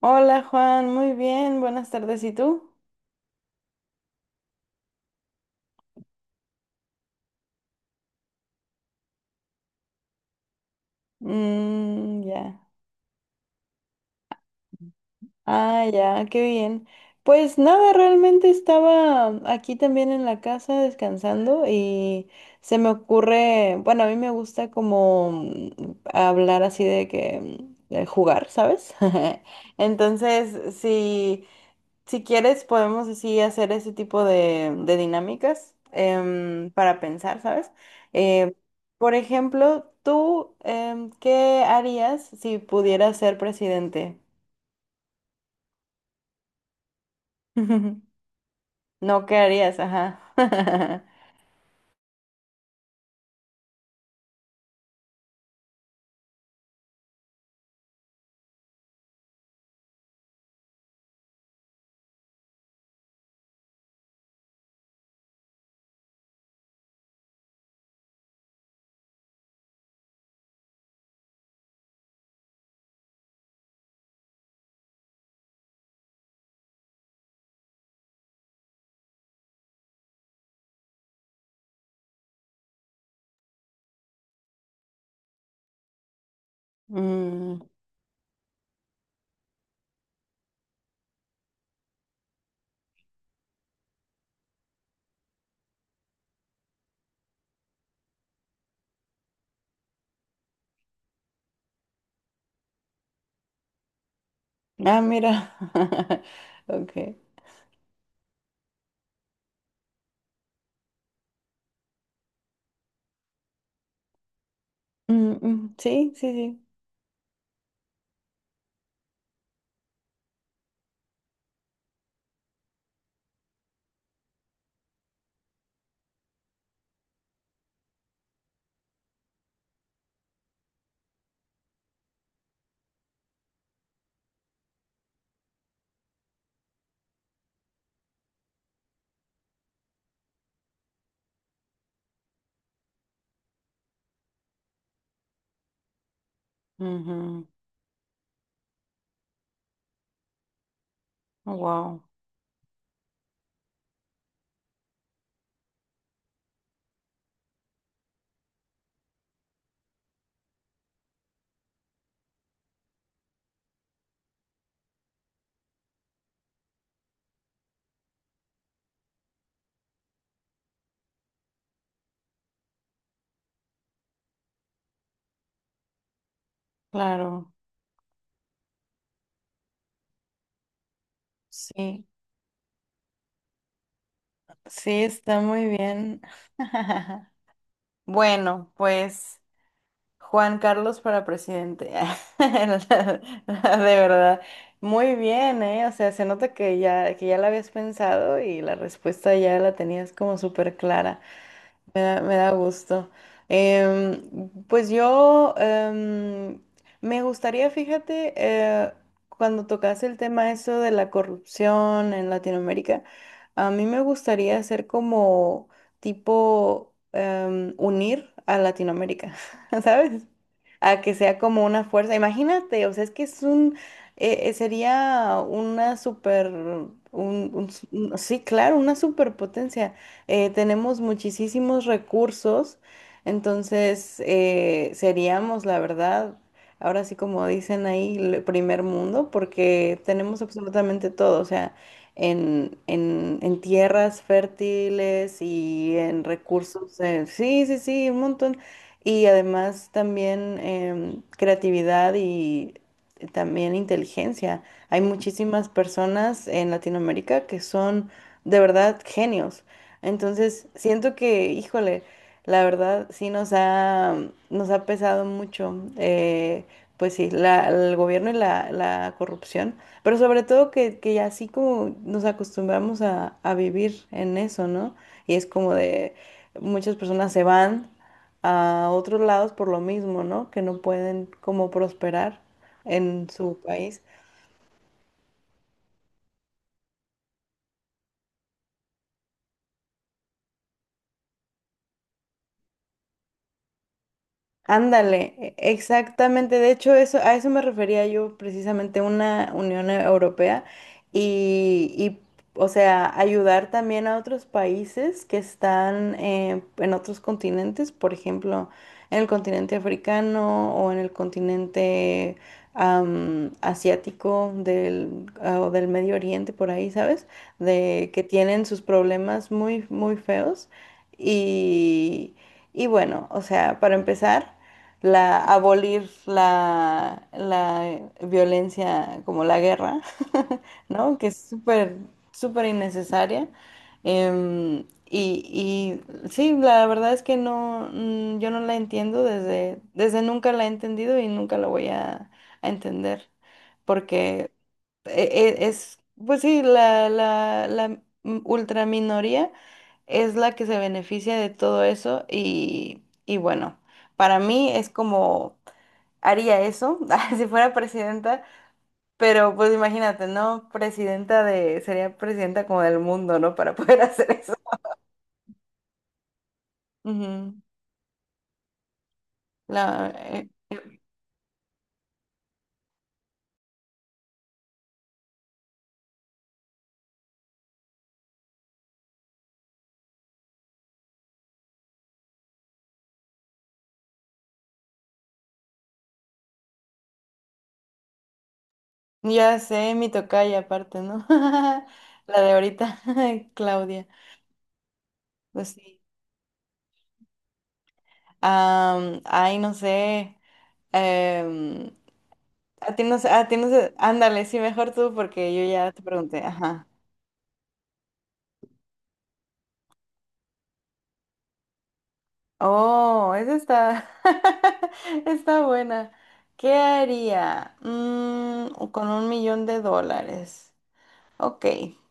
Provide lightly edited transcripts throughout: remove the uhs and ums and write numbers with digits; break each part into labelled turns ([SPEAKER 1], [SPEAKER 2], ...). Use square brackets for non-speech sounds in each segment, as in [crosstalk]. [SPEAKER 1] Hola Juan, muy bien, buenas tardes. ¿Y tú? Mm, ya. Ah, ya, qué bien. Pues nada, realmente estaba aquí también en la casa descansando y se me ocurre, bueno, a mí me gusta como hablar así de que de jugar, ¿sabes? [laughs] Entonces, sí. Si quieres, podemos así hacer ese tipo de dinámicas para pensar, ¿sabes? Em, por ejemplo, tú, ¿qué harías si pudieras ser presidente? [laughs] No, ¿qué harías? Ajá. [laughs] Mm. Ah, mira. [laughs] Ok. Mm, mm, sí, sí, sí. Wow, claro. Sí, sí, está muy bien. [laughs] Bueno, pues. Juan Carlos para presidente. [laughs] De verdad. Muy bien, ¿eh? O sea, se nota que ya la habías pensado y la respuesta ya la tenías como súper clara. Me da gusto. Pues yo me gustaría, fíjate, cuando tocas el tema eso de la corrupción en Latinoamérica, a mí me gustaría hacer como tipo unir a Latinoamérica, [laughs] ¿sabes? A que sea como una fuerza. Imagínate, o sea, es que es un, sería una super, un s- un- sí, claro, una superpotencia tenemos muchísimos recursos, entonces seríamos, la verdad, ahora sí como dicen ahí, el primer mundo, porque tenemos absolutamente todo, o sea, en, en tierras fértiles y en recursos, sí, sí, sí, un montón. Y además también creatividad y también inteligencia. Hay muchísimas personas en Latinoamérica que son de verdad genios. Entonces, siento que, híjole, la verdad sí nos ha pesado mucho, pues sí, el gobierno y la corrupción, pero sobre todo que ya así como nos acostumbramos a vivir en eso, ¿no? Y es como de muchas personas se van a otros lados por lo mismo, ¿no? Que no pueden como prosperar en su país. Ándale, exactamente. De hecho, eso, a eso me refería yo precisamente una Unión Europea y, o sea, ayudar también a otros países que están en otros continentes, por ejemplo, en el continente africano o en el continente asiático del, ah, o del Medio Oriente, por ahí, ¿sabes? De que tienen sus problemas muy, muy feos y, y bueno, o sea, para empezar la abolir la violencia como la guerra, [laughs] ¿no? Que es súper, súper innecesaria. Y sí, la verdad es que no, yo no la entiendo desde nunca la he entendido y nunca la voy a entender, porque e- es, pues sí, la ultraminoría es la que se beneficia de todo eso y bueno. Para mí es como haría eso [laughs] si fuera presidenta, pero pues imagínate, ¿no? Sería presidenta como del mundo, ¿no? Para poder [laughs] hacer eso. Ujú. La, eh, ya sé, mi tocaya aparte, ¿no? [laughs] La de ahorita, [laughs] Claudia. Pues sí. Ay, no sé. em, a ti no sé, a ti no sé. Ándale, sí, mejor tú porque yo ya te pregunté. Ajá. Oh, esa está, [laughs] está buena. ¿Qué haría? Con un millón de dólares. Ok,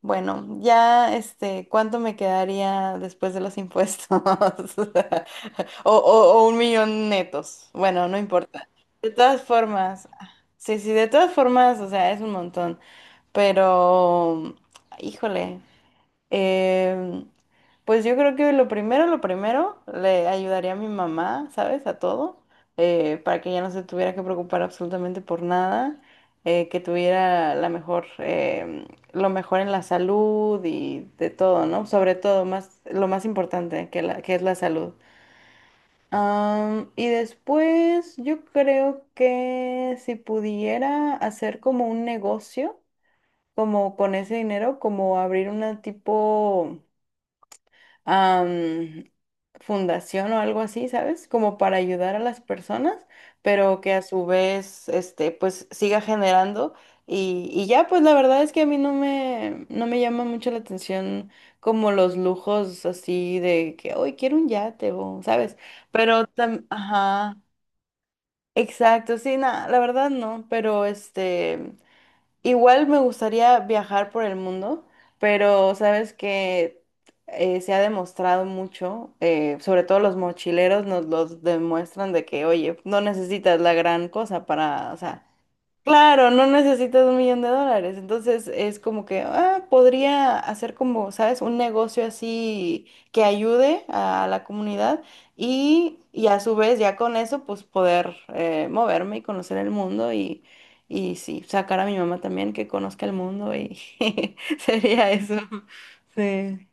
[SPEAKER 1] bueno, ya este, ¿cuánto me quedaría después de los impuestos? [laughs] O un millón netos. Bueno, no importa. De todas formas, sí, sí, de todas formas, o sea, es un montón. Pero, híjole. Eh, pues yo creo que lo primero, le ayudaría a mi mamá, ¿sabes? A todo, para que ya no se tuviera que preocupar absolutamente por nada, que tuviera lo mejor en la salud y de todo, ¿no? Sobre todo, lo más importante que es la salud. Y después yo creo que si pudiera hacer como un negocio, como con ese dinero, como abrir una tipo am, fundación o algo así, ¿sabes? Como para ayudar a las personas, pero que a su vez, este, pues siga generando. Y ya, pues la verdad es que a mí no me llama mucho la atención como los lujos así de que hoy quiero un yate o, ¿sabes? Pero, ajá, exacto, sí, nada, la verdad no, pero este. Igual me gustaría viajar por el mundo, pero sabes que se ha demostrado mucho, sobre todo los mochileros nos los demuestran de que, oye, no necesitas la gran cosa para, o sea, claro, no necesitas un millón de dólares. Entonces es como que, podría hacer como, ¿sabes? Un negocio así que ayude a la comunidad y a su vez ya con eso pues poder moverme y conocer el mundo y sí, sacar a mi mamá también que conozca el mundo y [laughs] sería eso. Sí.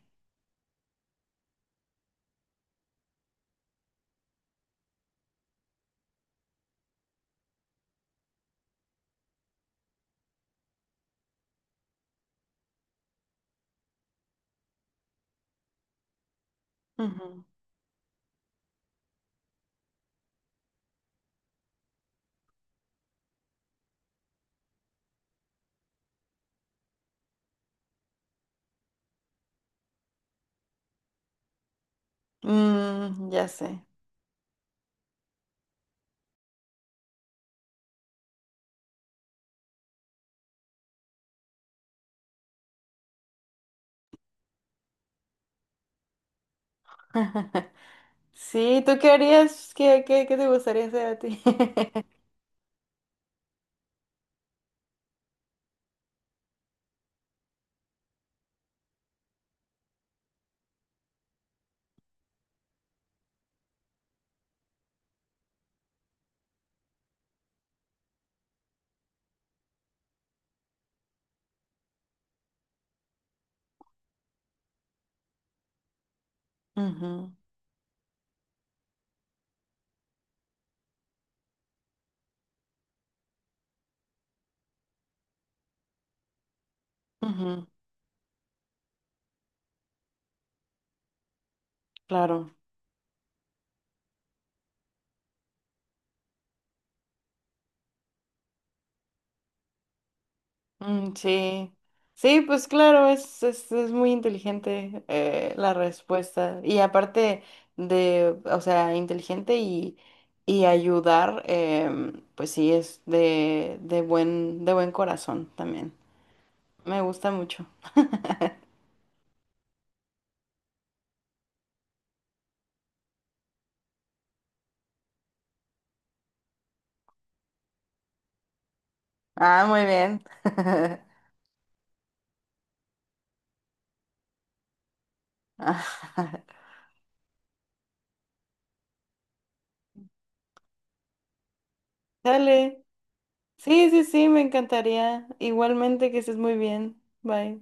[SPEAKER 1] Ujú. Mm, ya sé. Sí, ¿tú qué harías? ¿Qué te gustaría hacer a ti? [laughs] Ujú, ujú, claro. Mm, sí, sí, pues claro, es muy inteligente la respuesta. Y aparte de, o sea, inteligente y ayudar, pues sí, es de buen, de buen corazón también. Me gusta mucho. Ah, muy bien. [laughs] Dale. Sí, sí, sí, me encantaría. Igualmente que estés muy bien. Bye.